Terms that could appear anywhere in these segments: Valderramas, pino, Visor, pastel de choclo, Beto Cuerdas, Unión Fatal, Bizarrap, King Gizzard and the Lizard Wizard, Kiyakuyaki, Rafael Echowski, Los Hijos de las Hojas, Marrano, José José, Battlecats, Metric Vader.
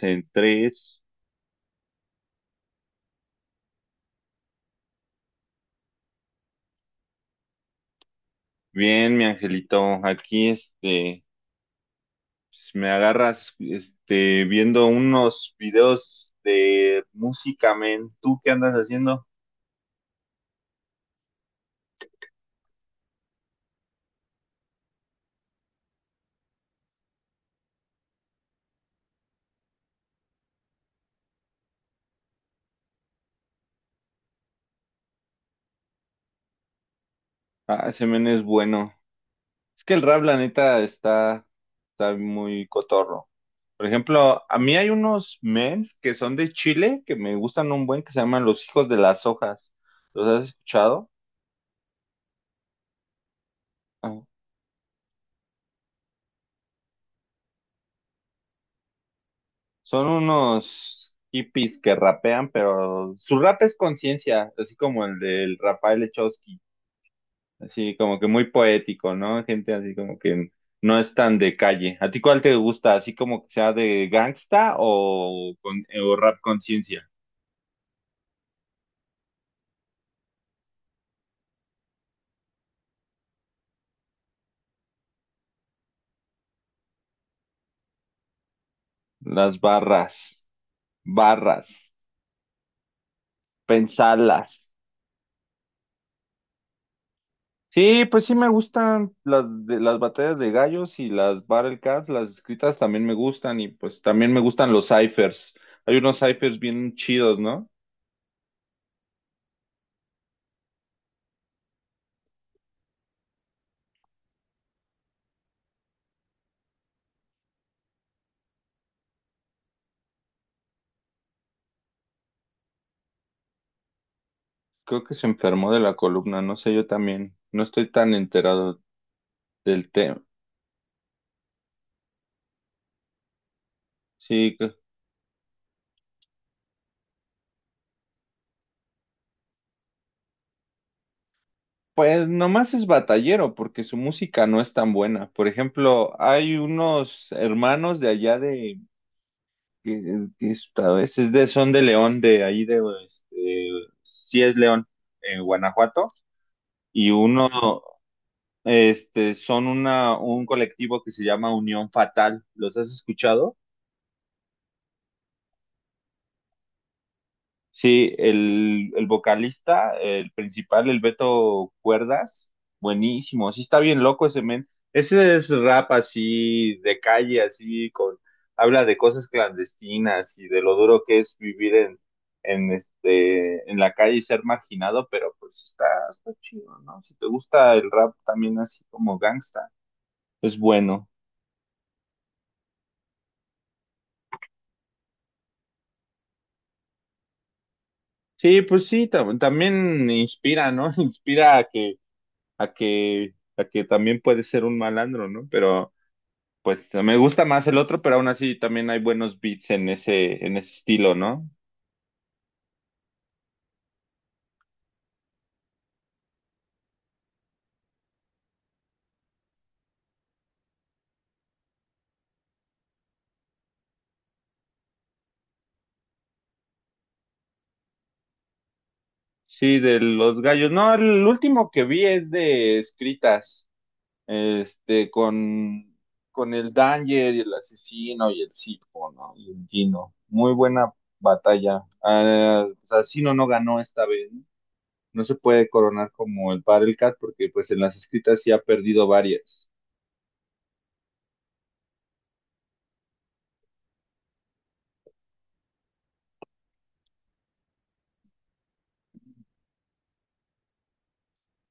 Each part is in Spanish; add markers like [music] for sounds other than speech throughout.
En tres. Bien, mi angelito, aquí pues, me agarras viendo unos videos de música, men. ¿Tú qué andas haciendo? Ah, ese men es bueno. Es que el rap, la neta, está muy cotorro. Por ejemplo, a mí hay unos mens que son de Chile que me gustan un buen que se llaman Los Hijos de las Hojas. ¿Los has escuchado? Son unos hippies que rapean, pero su rap es conciencia, así como el del Rafael Echowski, así como que muy poético, ¿no? Gente así como que no es tan de calle. ¿A ti cuál te gusta? ¿Así como que sea de gangsta o, o rap conciencia? Las barras, barras, pensalas. Sí, pues sí me gustan las, las batallas de gallos y las Battlecats, las escritas también me gustan y pues también me gustan los ciphers. Hay unos ciphers bien chidos, ¿no? Creo que se enfermó de la columna, no sé, yo también. No estoy tan enterado del tema. Sí, pues nomás es batallero porque su música no es tan buena. Por ejemplo, hay unos hermanos de allá de, que a veces de, son de León, de ahí de, sí es León, en Guanajuato y uno, son un colectivo que se llama Unión Fatal. ¿Los has escuchado? Sí, el vocalista, el principal, el Beto Cuerdas, buenísimo. Sí, está bien loco ese men. Ese es rap así de calle, así habla de cosas clandestinas y de lo duro que es vivir en la calle y ser marginado, pero pues está chido, ¿no? Si te gusta el rap también así como gangsta, es bueno. Sí, pues sí, también inspira, ¿no? [laughs] Inspira a que también puede ser un malandro, ¿no? Pero pues me gusta más el otro, pero aún así también hay buenos beats en ese estilo, ¿no? Sí, de los gallos. No, el último que vi es de escritas, este, con, con el Danger y el asesino y el Sifo, ¿no? Y el Gino. Muy buena batalla. Ah, asesino no ganó esta vez, no se puede coronar como el Cat porque pues en las escritas sí ha perdido varias.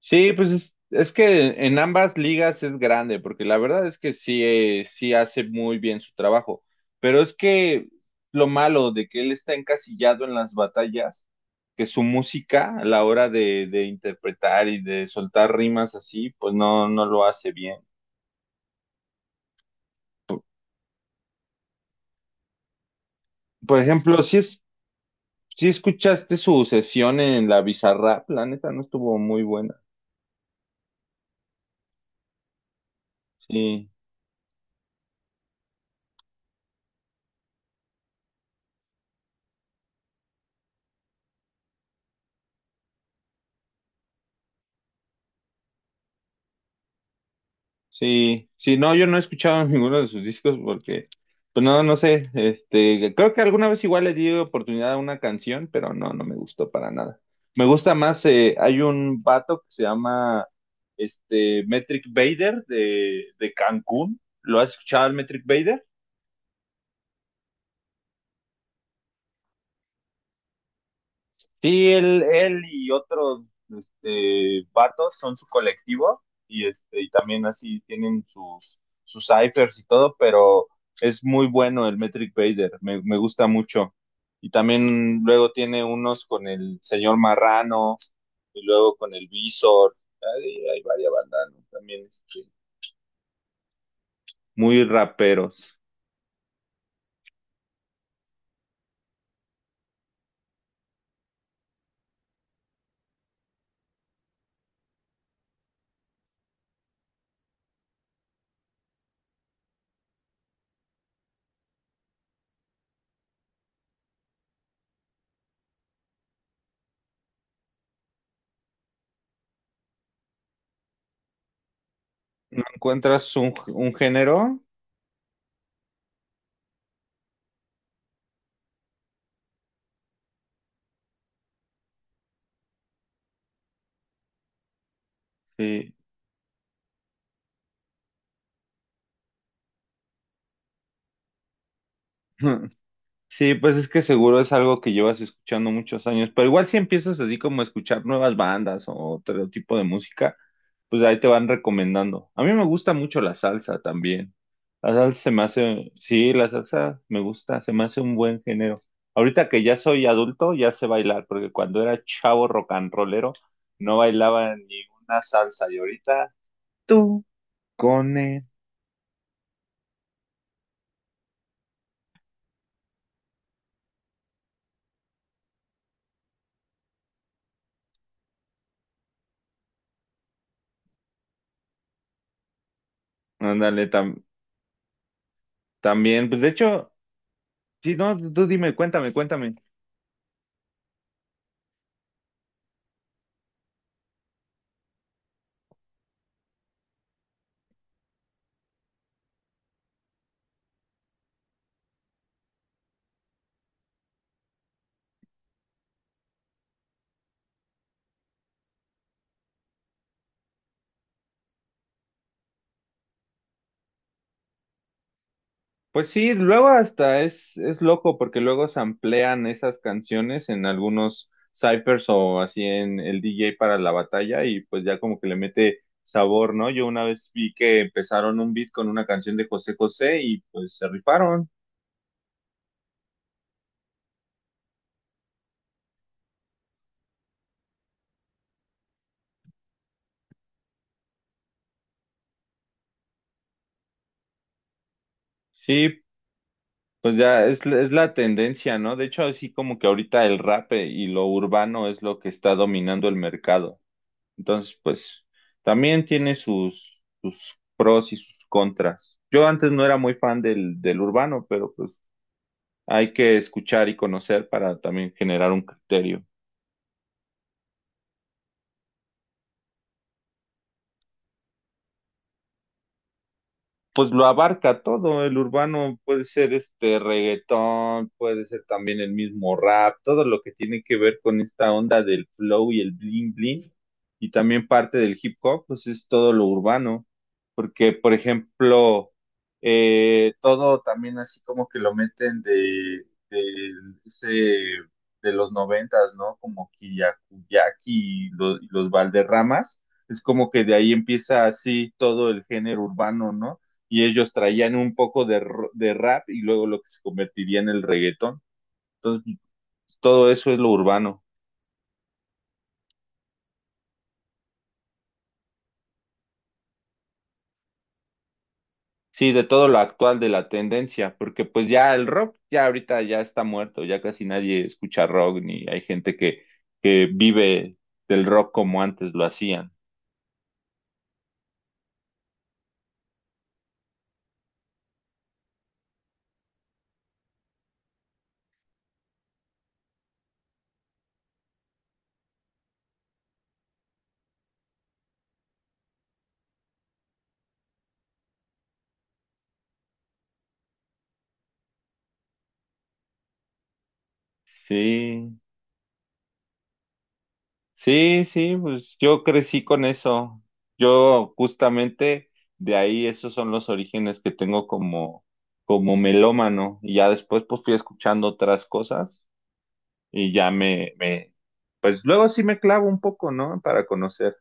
Sí, pues es que en ambas ligas es grande, porque la verdad es que sí, sí hace muy bien su trabajo, pero es que lo malo de que él está encasillado en las batallas, que su música a la hora de interpretar y de soltar rimas así, pues no, no lo hace bien. Por, ejemplo, si escuchaste su sesión en la Bizarrap, la neta no estuvo muy buena. Sí. Sí, sí, no, yo no he escuchado [laughs] ninguno de sus discos porque, pues no, no sé, creo que alguna vez igual le di oportunidad a una canción, pero no, no me gustó para nada. Me gusta más, hay un vato que se llama, Metric Vader de Cancún, ¿lo has escuchado, el Metric Vader? Sí, él y otros vatos son su colectivo y también así tienen sus ciphers y todo, pero es muy bueno el Metric Vader, me gusta mucho. Y también luego tiene unos con el señor Marrano y luego con el Visor. Hay varias bandas, ¿no? También muy raperos. ¿Encuentras un género? Sí. [laughs] Sí, pues es que seguro es algo que llevas escuchando muchos años, pero igual si empiezas así como a escuchar nuevas bandas o otro tipo de música, pues ahí te van recomendando. A mí me gusta mucho la salsa también. La salsa se me hace, sí, la salsa me gusta, se me hace un buen género. Ahorita que ya soy adulto, ya sé bailar, porque cuando era chavo rock and rollero, no bailaba ni una salsa. Y ahorita, tú, cone, ándale, también, pues de hecho, sí, no, tú dime, cuéntame, cuéntame. Pues sí, luego hasta es loco porque luego samplean esas canciones en algunos cyphers o así en el DJ para la batalla y pues ya como que le mete sabor, ¿no? Yo una vez vi que empezaron un beat con una canción de José José y pues se rifaron. Sí, pues ya es la tendencia, ¿no? De hecho, así como que ahorita el rap y lo urbano es lo que está dominando el mercado. Entonces, pues también tiene sus pros y sus contras. Yo antes no era muy fan del urbano, pero pues hay que escuchar y conocer para también generar un criterio. Pues lo abarca todo, el urbano puede ser este reggaetón, puede ser también el mismo rap, todo lo que tiene que ver con esta onda del flow y el bling bling, y también parte del hip hop, pues es todo lo urbano, porque por ejemplo, todo también así como que lo meten de ese de los noventas, ¿no? Como Kiyakuyaki y y los Valderramas, es como que de ahí empieza así todo el género urbano, ¿no? Y ellos traían un poco de rap y luego lo que se convertiría en el reggaetón. Entonces, todo eso es lo urbano. Sí, de todo lo actual de la tendencia, porque pues ya el rock ya ahorita ya está muerto, ya casi nadie escucha rock ni hay gente que vive del rock como antes lo hacían. Sí. Sí, sí, pues yo crecí con eso. Yo justamente de ahí esos son los orígenes que tengo como melómano. Y ya después pues fui escuchando otras cosas y ya pues luego sí me clavo un poco, ¿no? Para conocer.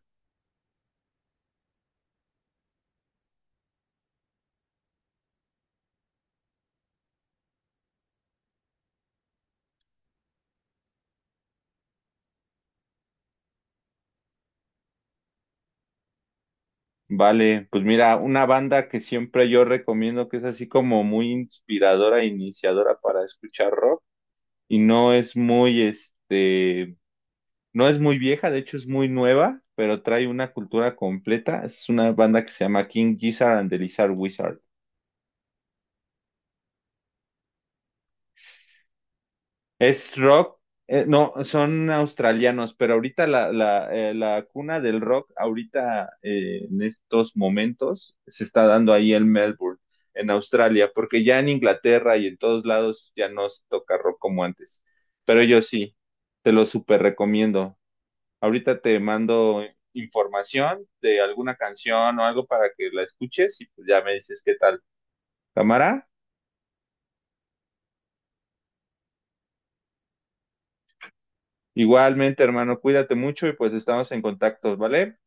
Vale, pues mira, una banda que siempre yo recomiendo que es así como muy inspiradora e iniciadora para escuchar rock y no es muy este No es muy vieja, de hecho es muy nueva, pero trae una cultura completa. Es una banda que se llama King Gizzard and the Lizard Wizard. Es rock, no, son australianos, pero ahorita la cuna del rock, ahorita en estos momentos, se está dando ahí en Melbourne, en Australia, porque ya en Inglaterra y en todos lados ya no se toca rock como antes. Pero yo sí, te lo súper recomiendo. Ahorita te mando información de alguna canción o algo para que la escuches y pues ya me dices qué tal. Cámara, igualmente, hermano, cuídate mucho y pues estamos en contacto, ¿vale?